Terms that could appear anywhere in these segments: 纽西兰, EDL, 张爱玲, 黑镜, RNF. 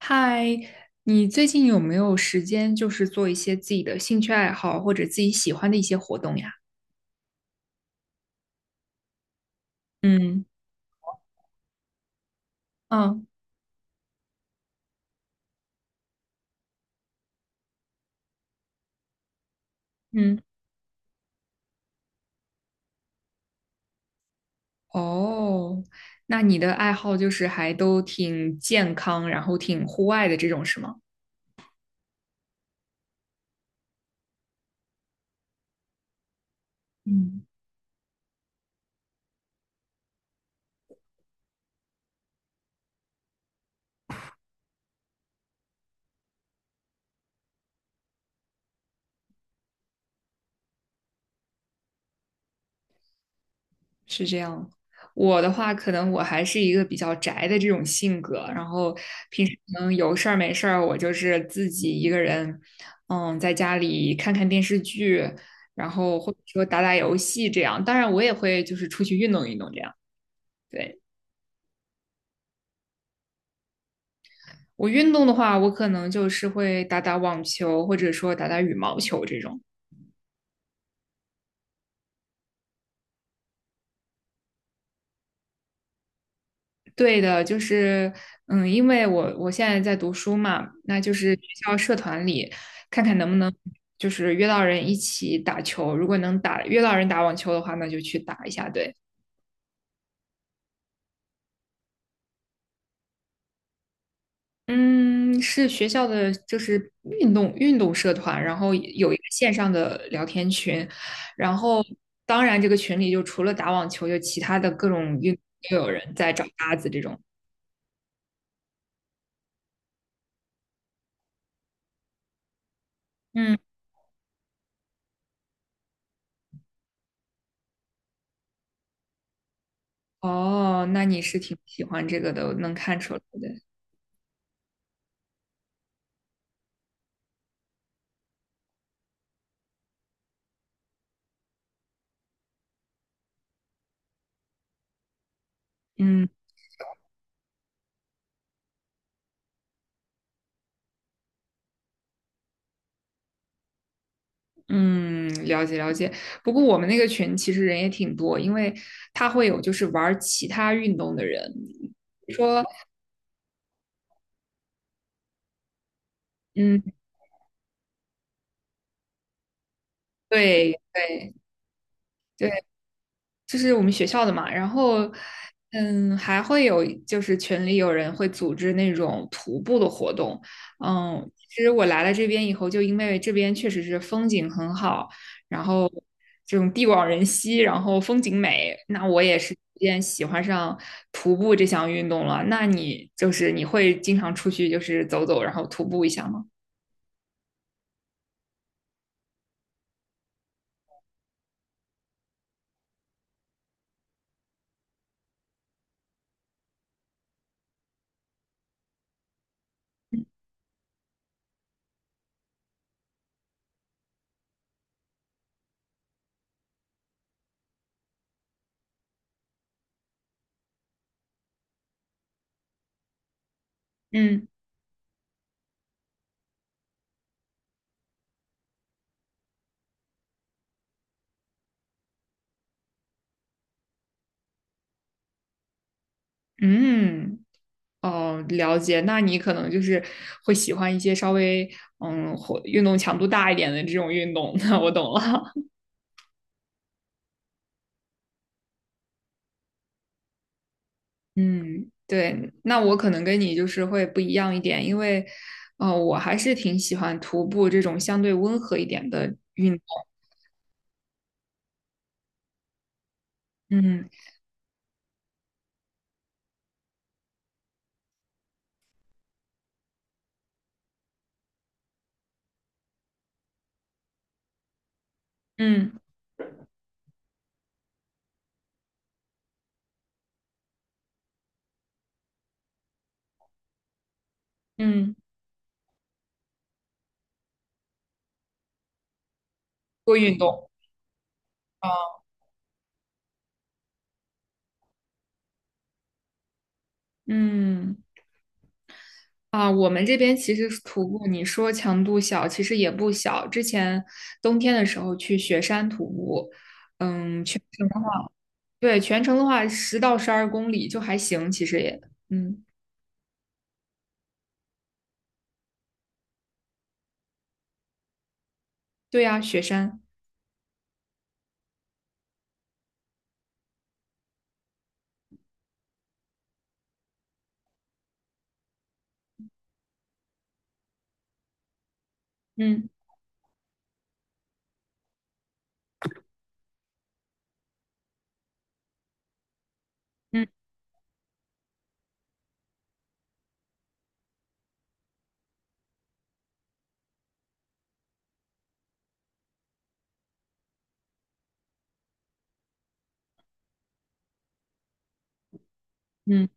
嗨，你最近有没有时间，就是做一些自己的兴趣爱好或者自己喜欢的一些活动呀？嗯嗯，嗯，哦，那你的爱好就是还都挺健康，然后挺户外的这种，是吗？嗯。是这样。我的话，可能我还是一个比较宅的这种性格，然后平时可能有事儿没事儿，我就是自己一个人，嗯，在家里看看电视剧，然后或者说打打游戏这样。当然，我也会就是出去运动运动这样。对，我运动的话，我可能就是会打打网球，或者说打打羽毛球这种。对的，就是，嗯，因为我现在在读书嘛，那就是学校社团里看看能不能就是约到人一起打球，如果能打约到人打网球的话，那就去打一下。对，嗯，是学校的就是运动运动社团，然后有一个线上的聊天群，然后当然这个群里就除了打网球，就其他的各种运动都有人在找搭子这种。嗯，哦，那你是挺喜欢这个的，我能看出来的。嗯。嗯，了解了解。不过我们那个群其实人也挺多，因为他会有就是玩儿其他运动的人，说嗯，对对就是我们学校的嘛，然后，嗯，还会有就是群里有人会组织那种徒步的活动，嗯，其实我来了这边以后，就因为这边确实是风景很好，然后这种地广人稀，然后风景美，那我也是逐渐喜欢上徒步这项运动了。那你就是你会经常出去就是走走，然后徒步一下吗？嗯嗯。哦，了解。那你可能就是会喜欢一些稍微嗯，运动强度大一点的这种运动。那我懂了。嗯，对。那我可能跟你就是会不一样一点，因为我还是挺喜欢徒步这种相对温和一点的运动。嗯嗯嗯，多运动。啊。嗯啊，我们这边其实徒步，你说强度小，其实也不小。之前冬天的时候去雪山徒步，嗯，去。对，全程的话10到12公里就还行，其实也，嗯，对呀，雪山，嗯嗯嗯，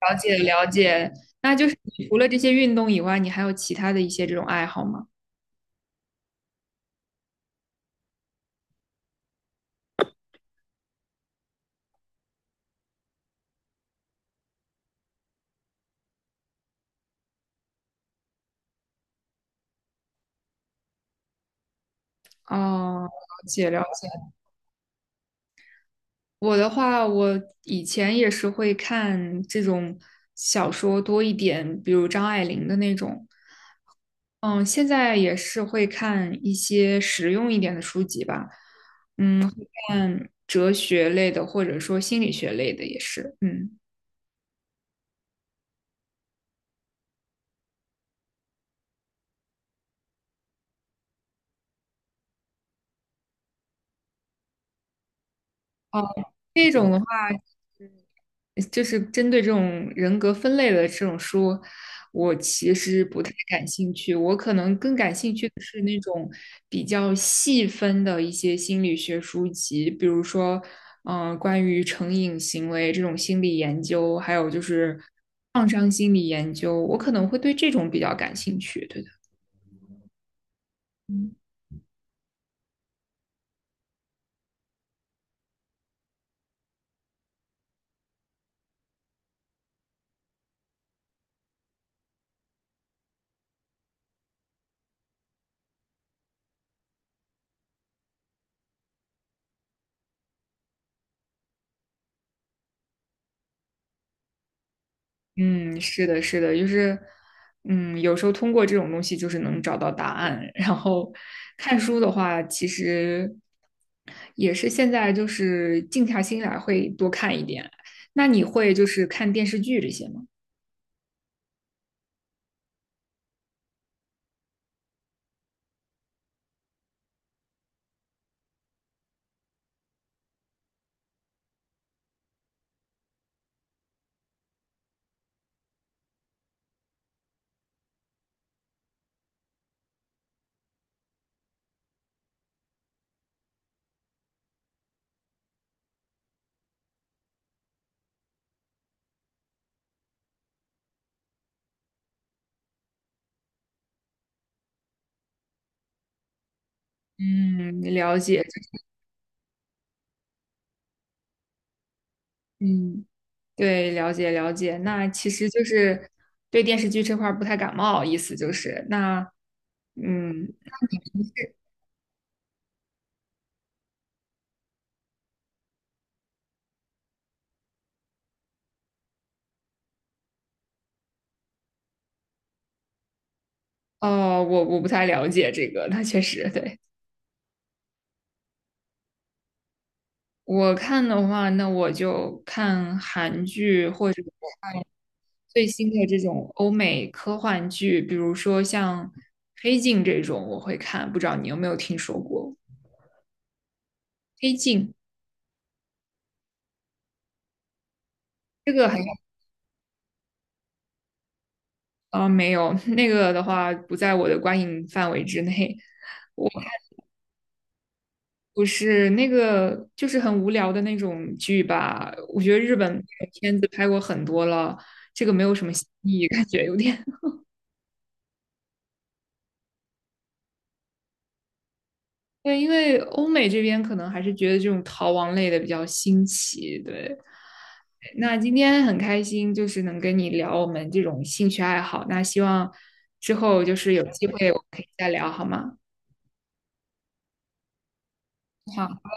了解了解。那就是你除了这些运动以外，你还有其他的一些这种爱好吗？哦，了解了解。我的话，我以前也是会看这种小说多一点，比如张爱玲的那种。嗯，现在也是会看一些实用一点的书籍吧，看哲学类的，或者说心理学类的也是，嗯。哦，这种的话，就是针对这种人格分类的这种书，我其实不太感兴趣。我可能更感兴趣的是那种比较细分的一些心理学书籍，比如说，嗯、关于成瘾行为这种心理研究，还有就是创伤心理研究，我可能会对这种比较感兴趣。对。嗯，是的，是的，就是，嗯，有时候通过这种东西就是能找到答案。然后看书的话，其实也是现在就是静下心来会多看一点。那你会就是看电视剧这些吗？嗯，了解，嗯，对，了解了解。那其实就是对电视剧这块儿不太感冒，意思就是那，嗯，哦，我不太了解这个，那确实对。我看的话，那我就看韩剧或者我看最新的这种欧美科幻剧，比如说像《黑镜》这种，我会看。不知道你有没有听说过《黑镜》这个还没有，那个的话不在我的观影范围之内。我不是那个，就是很无聊的那种剧吧。我觉得日本片子拍过很多了，这个没有什么新意，感觉有点。对，因为欧美这边可能还是觉得这种逃亡类的比较新奇。对，那今天很开心，就是能跟你聊我们这种兴趣爱好。那希望之后就是有机会我们可以再聊，好吗？好。